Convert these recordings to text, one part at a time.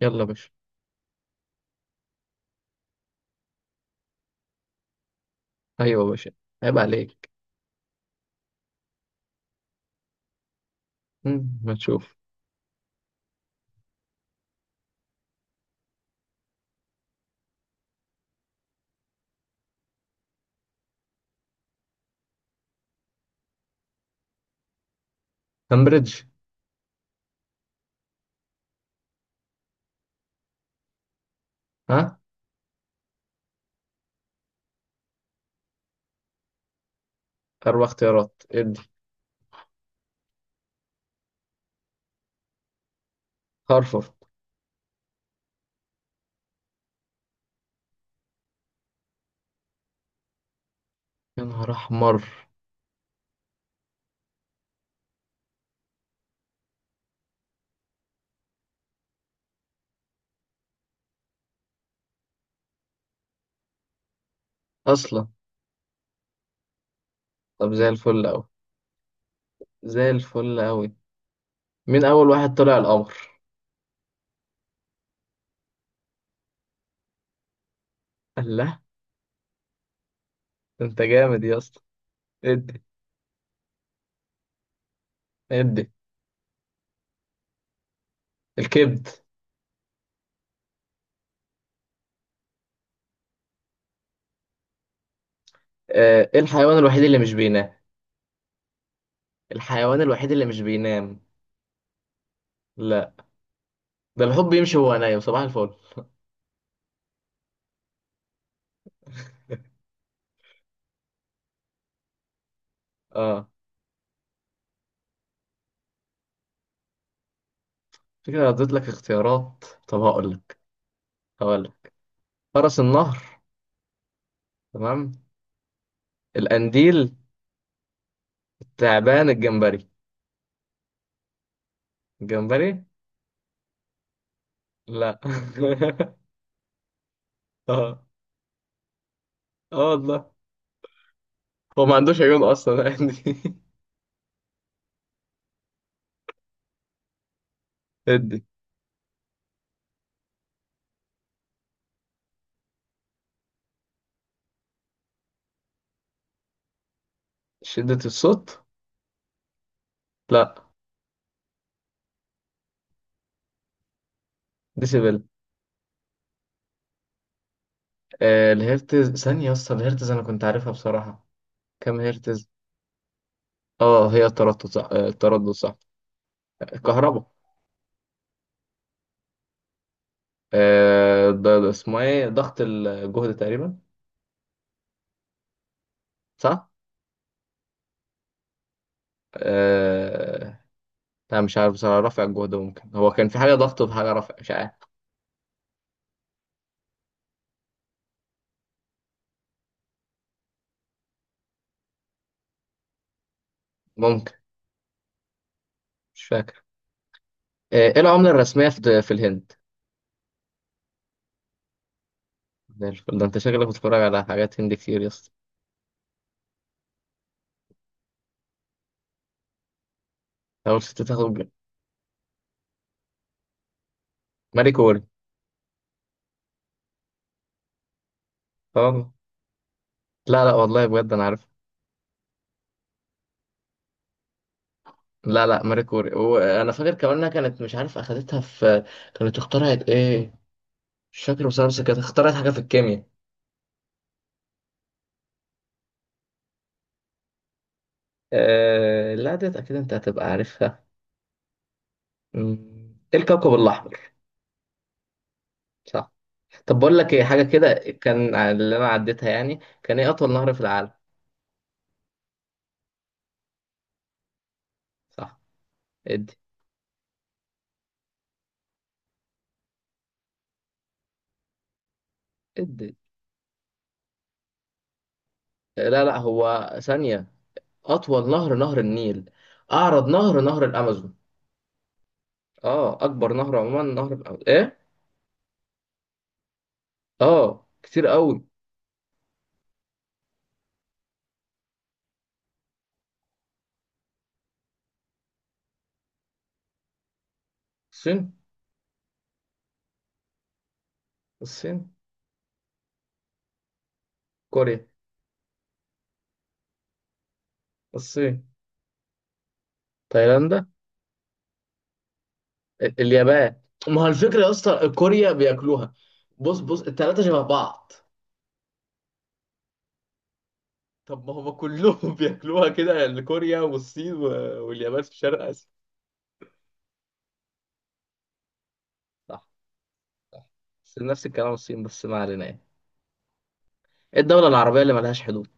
يلا يا باشا. ايوه يا باشا. عيب عليك. ما تشوف. كامبريدج. ها؟ اربع اختيارات ادي. هارفارد. يا نهار احمر. اصلا. طب زي الفل اوي. زي الفل اوي. مين اول واحد طلع القمر؟ الله. ده انت جامد يا اسطى. ادي. ادي. الكبد. آه، ايه الحيوان الوحيد اللي مش بينام؟ الحيوان الوحيد اللي مش بينام؟ لا. ده الحب بيمشي وهو نايم. صباح الفل. اه. فكرة، اديت لك اختيارات؟ طب هقول لك. هقول لك. فرس النهر. تمام. القنديل. تعبان، الجمبري. الجمبري. لا. اه. اه والله. هو ما عندوش عيون اصلا عندي. ادي. شدة الصوت. لا. ديسيبل. آه، الهرتز ثانية يا اسطى. الهرتز انا كنت عارفها بصراحة. كم هرتز؟ اه، هي التردد صح. آه، التردد صح. الكهرباء. آه، ده اسمه ايه؟ ضغط الجهد تقريبا. صح. آه. لا، مش عارف بصراحة. رفع الجهد ممكن. هو كان في حاجة ضغط وفي حاجة رفع، مش عارف. ممكن. مش فاكر. آه، ايه العملة الرسمية في الهند؟ زي الفل. ده انت شكلك بتتفرج على حاجات هندي كتير يا اسطى. اول ست تاخد؟ ماري كوري. طبعا. لا، لا، والله بجد انا عارف. لا، لا، ماري كوري. وانا فاكر كمان انها كانت، مش عارف، اخدتها في... كانت اخترعت ايه؟ مش فاكر بصراحة، بس كانت اخترعت حاجة في الكيمياء. لا، ديت اكيد انت هتبقى عارفها. ايه الكوكب الاحمر؟ صح. طب بقول لك ايه. حاجة كده كان اللي انا عديتها يعني. كان ايه اطول نهر في العالم؟ صح. ادي. ادي. لا، لا، هو ثانية. أطول نهر نهر النيل. أعرض نهر نهر الأمازون. أه، أكبر نهر عموما نهر الأمازون. إيه؟ أه، كتير قوي. الصين. الصين. كوريا. الصين. تايلاندا. اليابان. ما هو الفكرة يا اسطى، كوريا بياكلوها. بص، بص، التلاتة شبه بعض. طب ما هما كلهم بياكلوها كده يعني، كوريا والصين و... واليابان في شرق آسيا. صح. صح. بس نفس الكلام الصين. بس ما علينا يعني. إيه الدولة العربية اللي ملهاش حدود؟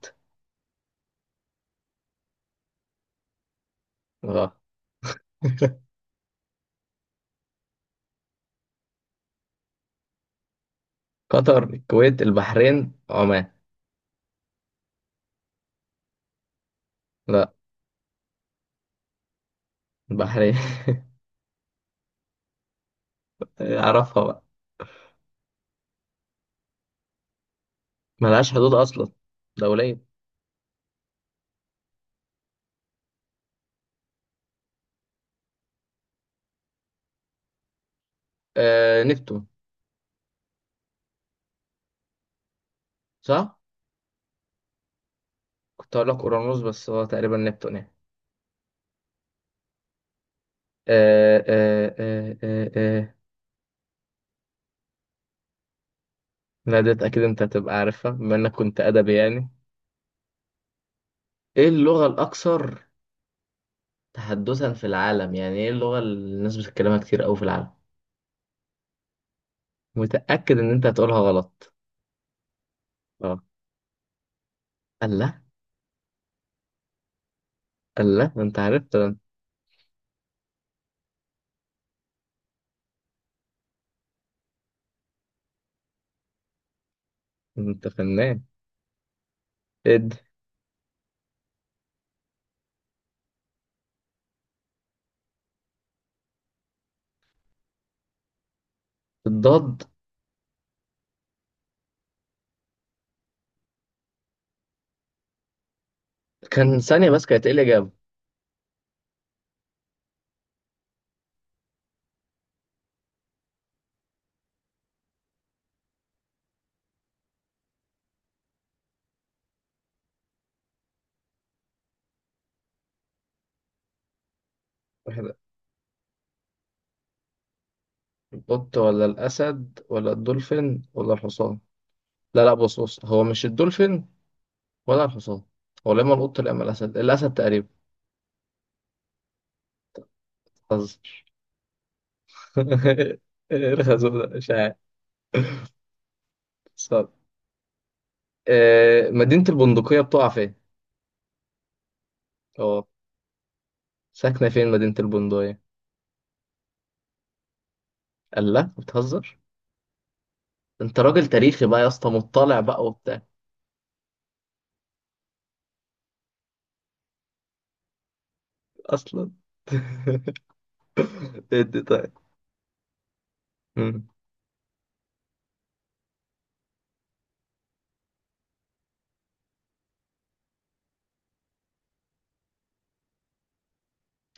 أه. قطر، الكويت، البحرين، عمان. لا. البحرية. أعرفها بقى. ملهاش حدود أصلا. دولية. آه، نبتون. صح؟ كنت هقول لك أورانوس بس هو تقريبا نبتون يعني. آه، آه، آه، آه، آه. لا ديت أكيد أنت هتبقى عارفها بما إنك كنت أدبي يعني. إيه اللغة الأكثر تحدثا في العالم؟ يعني إيه اللغة اللي الناس بتتكلمها كتير أوي في العالم؟ متأكد إن أنت هتقولها غلط. أه. الله. الله، ده أنت عرفت. ده أنت. أنت فنان. إد. الضاد. كان ثانية بس، كانت إيه الإجابة؟ القط ولا الأسد ولا الدولفين ولا الحصان؟ لا، لا، بص، بص، هو مش الدولفين. ولا الحصان. هو لا إما القط لا إما الأسد. الأسد تقريبا. حظ. إيه الخازوق ده؟ مش عارف. صار. آه، مدينة البندقية بتقع فين؟ اه. ساكنة فين مدينة البندقية؟ قال لا، بتهزر. انت راجل تاريخي بقى يا اسطى، مطلع بقى وبتاع. اصلا. ادي طيب. مم.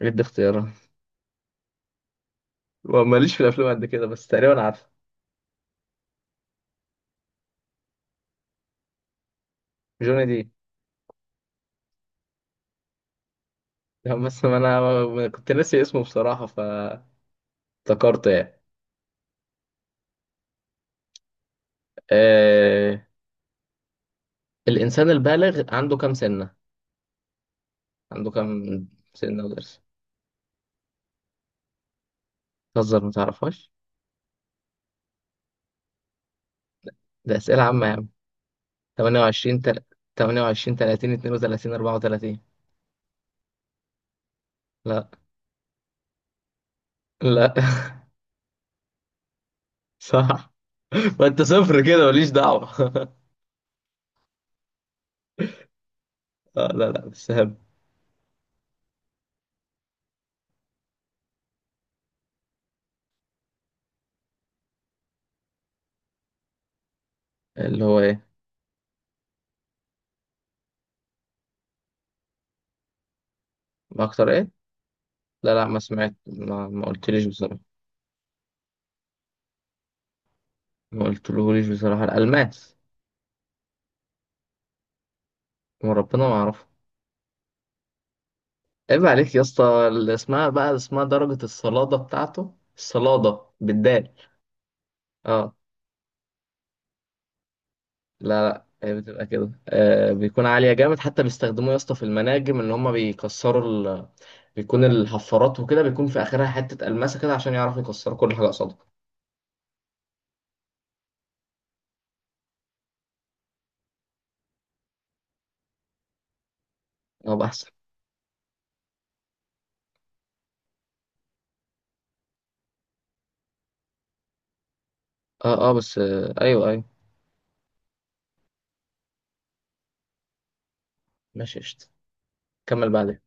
ادي اختيارات. وماليش في الافلام قد كده بس تقريبا عارف. جوني. لا، بس ما انا ما كنت ناسي اسمه بصراحة فافتكرته. يعني. آه... الانسان البالغ عنده كام سنة؟ عنده كام سنة وضرس؟ تهزر؟ ما تعرفهاش. ده اسئلة عامة يا عم. 28 28، 30، 32، 34. لا. لا. صح. ما انت صفر كده ماليش دعوة آه، لا، لا، بس هم... اللي هو ايه؟ ما اكتر ايه؟ لا، لا، ما سمعت، ما قلتليش بصراحة. ما قلتلهوليش بصراحة. الالماس. وربنا ما اعرفه. عيب عليك يا اسطى، اللي اسمها بقى اسمها درجة الصلادة بتاعته. الصلادة بالدال. اه. لا، لا، هي بتبقى كده. آه، بيكون عالية جامد. حتى بيستخدموه يا اسطى في المناجم ان هما بيكسروا ال... بيكون الحفارات وكده، بيكون في اخرها حتة الماسة كده، عشان يعرفوا يكسروا كل حاجة قصادها. اه، بقى احسن. اه، اه، بس آه، ايوه، ايوه. ماشي، قشطة. كمل بعدين.